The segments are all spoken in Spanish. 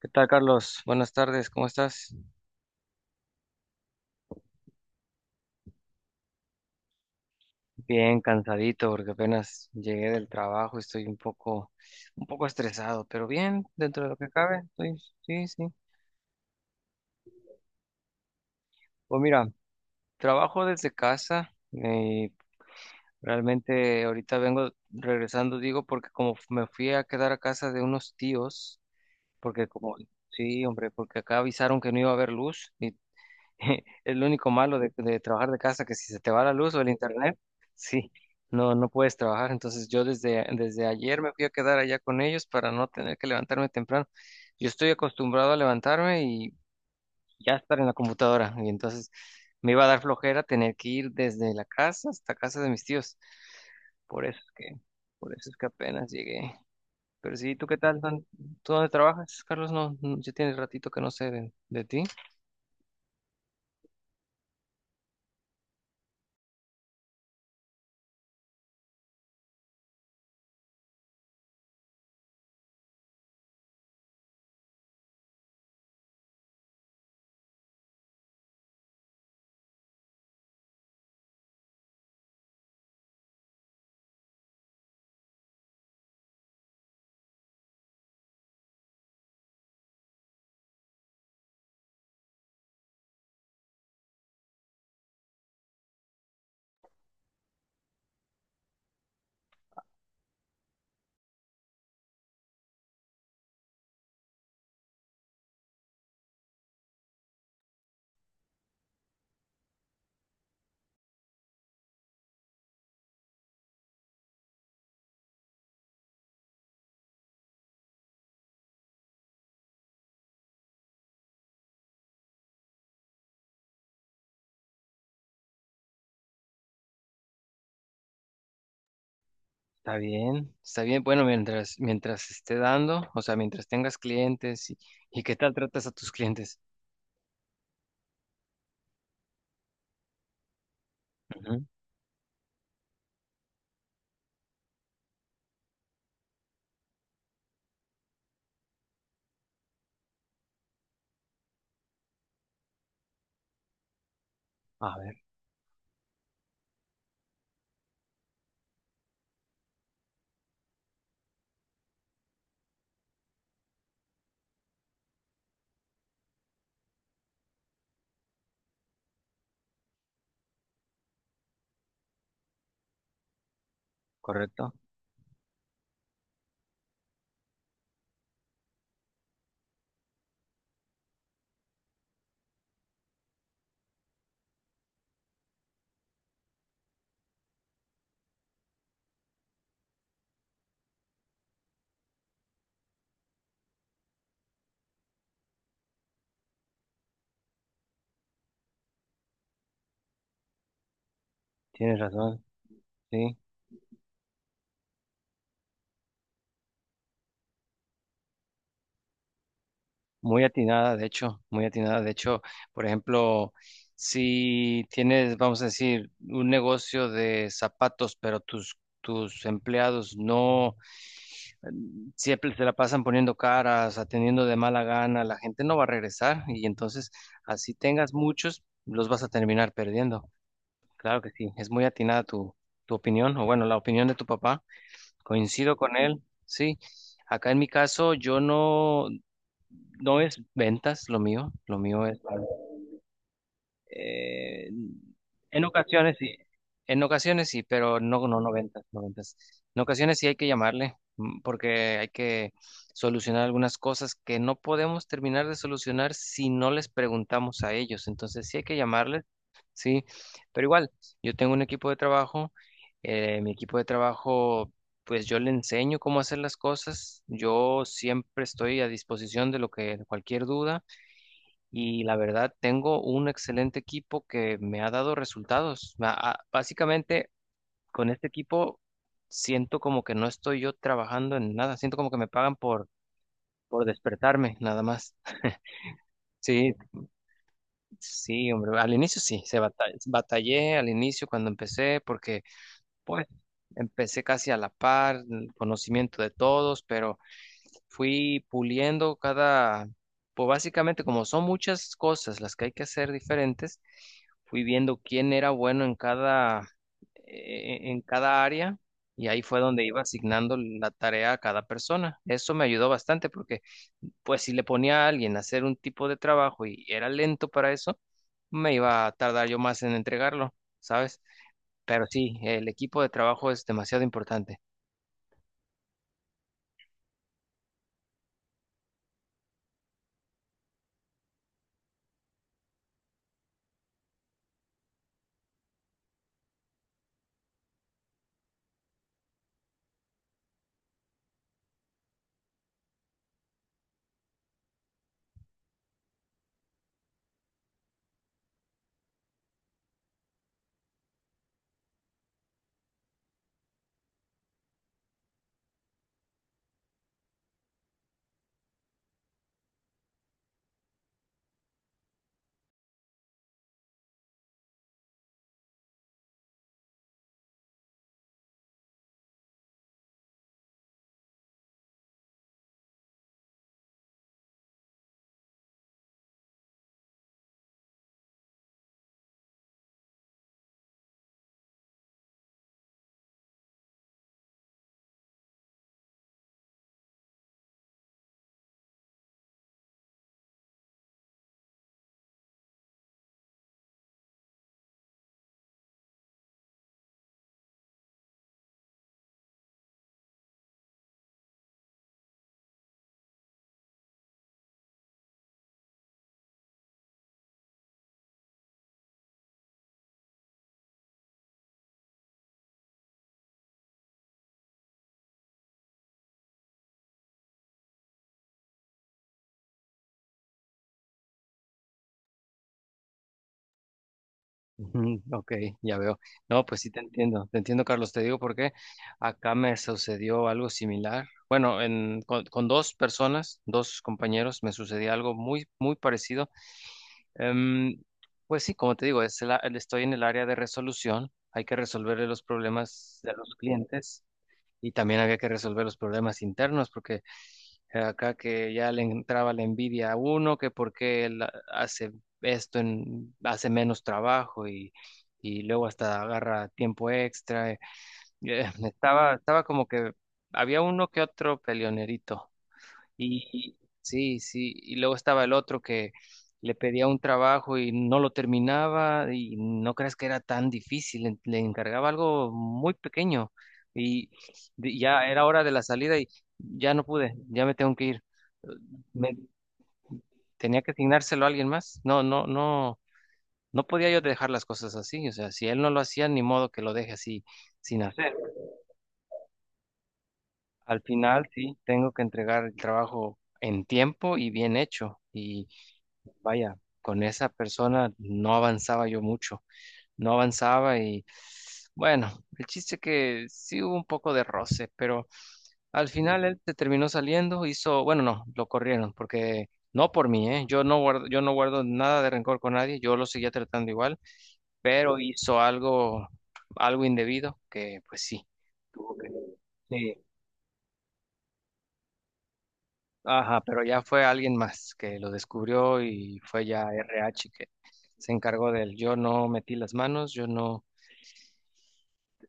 ¿Qué tal, Carlos? Buenas tardes, ¿cómo estás? Bien, cansadito porque apenas llegué del trabajo estoy un poco estresado, pero bien, dentro de lo que cabe, estoy, sí, sí. Pues mira, trabajo desde casa y realmente ahorita vengo regresando, digo, porque como me fui a quedar a casa de unos tíos, porque como, sí, hombre, porque acá avisaron que no iba a haber luz y Es lo único malo de trabajar de casa, que si se te va la luz o el internet, sí, no puedes trabajar. Entonces yo desde ayer me fui a quedar allá con ellos para no tener que levantarme temprano. Yo estoy acostumbrado a levantarme y ya estar en la computadora. Y entonces me iba a dar flojera tener que ir desde la casa hasta casa de mis tíos. Por eso es que, por eso es que apenas llegué. Pero sí, ¿tú qué tal? ¿Tú dónde trabajas, Carlos? No, no, ya tienes ratito que no sé de ti. Está bien, está bien. Bueno, mientras esté dando, o sea, mientras tengas clientes y qué tal tratas a tus clientes. Ujú. A ver, correcto. Tienes razón, sí. Muy atinada, de hecho, muy atinada. De hecho, por ejemplo, si tienes, vamos a decir, un negocio de zapatos, pero tus empleados no siempre se la pasan poniendo caras, atendiendo de mala gana, la gente no va a regresar y entonces, así tengas muchos, los vas a terminar perdiendo. Claro que sí, es muy atinada tu, tu opinión, o bueno, la opinión de tu papá. Coincido con él, sí. Acá en mi caso, yo no no es ventas lo mío es eh, en ocasiones sí, en ocasiones sí, pero no, no, no ventas, no ventas. En ocasiones sí hay que llamarle porque hay que solucionar algunas cosas que no podemos terminar de solucionar si no les preguntamos a ellos. Entonces sí hay que llamarles, sí, pero igual, yo tengo un equipo de trabajo, mi equipo de trabajo, pues yo le enseño cómo hacer las cosas, yo siempre estoy a disposición de lo que cualquier duda y la verdad tengo un excelente equipo que me ha dado resultados. Básicamente con este equipo siento como que no estoy yo trabajando en nada, siento como que me pagan por despertarme nada más. Sí, sí, hombre, al inicio sí, batallé al inicio cuando empecé porque... Pues empecé casi a la par, el conocimiento de todos, pero fui puliendo cada, pues básicamente como son muchas cosas las que hay que hacer diferentes, fui viendo quién era bueno en cada área y ahí fue donde iba asignando la tarea a cada persona. Eso me ayudó bastante porque pues si le ponía a alguien a hacer un tipo de trabajo y era lento para eso, me iba a tardar yo más en entregarlo, ¿sabes? Pero sí, el equipo de trabajo es demasiado importante. Ujú, ok, ya veo. No, pues sí te entiendo, Carlos, te digo por qué. Acá me sucedió algo similar. Bueno, con dos personas, dos compañeros, me sucedió algo muy, muy parecido. Em, pues sí, como te digo, es estoy en el área de resolución. Hay que resolver los problemas de los clientes y también había que resolver los problemas internos porque acá que ya le entraba la envidia a uno, que por qué él hace esto, hace menos trabajo y luego hasta agarra tiempo extra. Estaba, estaba como que había uno que otro peleonerito. Y sí, sí, y luego estaba el otro que le pedía un trabajo y no lo terminaba y no creas que era tan difícil, le encargaba algo muy pequeño y ya era hora de la salida y ya no pude, ya me tengo que ir. Me tenía que asignárselo a alguien más. No, no podía yo dejar las cosas así, o sea, si él no lo hacía, ni modo que lo deje así sin hacer. Al final, sí, tengo que entregar el trabajo en tiempo y bien hecho. Y vaya, con esa persona no avanzaba yo mucho, no avanzaba y bueno, el chiste que sí hubo un poco de roce, pero al final él se terminó saliendo, hizo, bueno, no, lo corrieron porque no por mí, ¿eh? Yo no guardo nada de rencor con nadie, yo lo seguía tratando igual, pero hizo algo, algo indebido que pues sí, tuvo que, sí, ajá, pero ya fue alguien más que lo descubrió y fue ya RH que se encargó de él. Yo no metí las manos, yo no,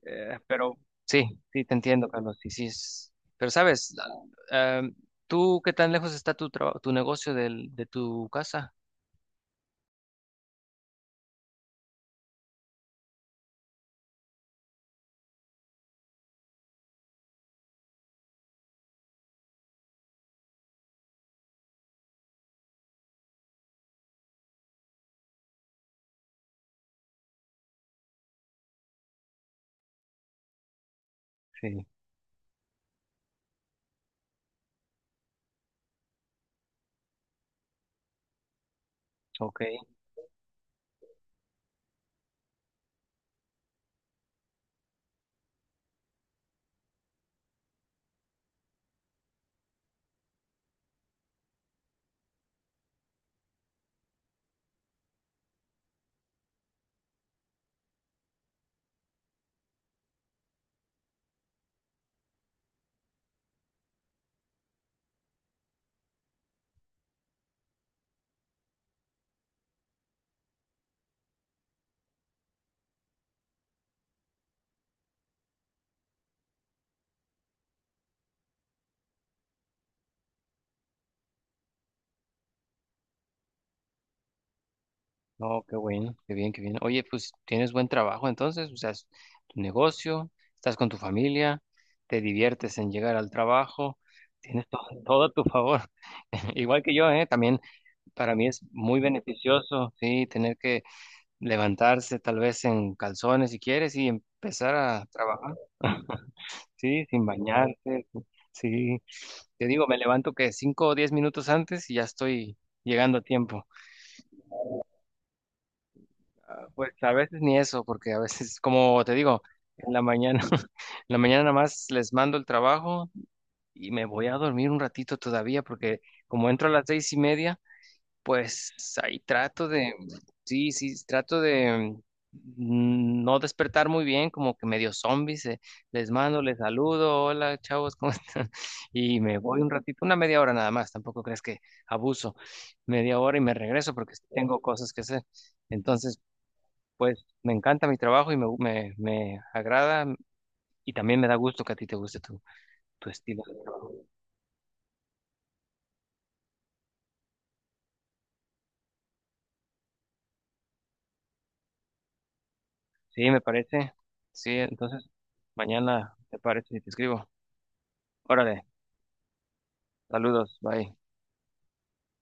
pero sí, sí, te entiendo, Carlos, sí, sí. Pero sabes, la- em, ¿tú qué tan lejos está tu, tu negocio del, de tu casa? Sí, ok. No, qué bueno, qué bien, qué bien. Oye, pues tienes buen trabajo entonces, o sea, es tu negocio, estás con tu familia, te diviertes en llegar al trabajo, tienes to- todo, a tu favor. Igual que yo, ¿eh? También para mí es muy beneficioso, sí, tener que levantarse tal vez en calzones si quieres y empezar a trabajar, sí, sin bañarte, sí. Te digo, me levanto que 5 o 10 minutos antes y ya estoy llegando a tiempo. Pues a veces ni eso, porque a veces, como te digo, en la mañana, en la mañana nada más les mando el trabajo y me voy a dormir un ratito todavía, porque como entro a las 6:30, pues ahí trato de, sí, sí, trato de no despertar muy bien, como que medio zombies, les mando, les saludo, hola chavos, ¿cómo están? Y me voy un ratito, una media hora nada más, tampoco crees que abuso, media hora y me regreso porque sí tengo cosas que hacer. Entonces, pues me encanta mi trabajo y me agrada y también me da gusto que a ti te guste tu, tu estilo de trabajo. Sí, me parece. Sí, entonces mañana te parece si te escribo. Órale, saludos, bye.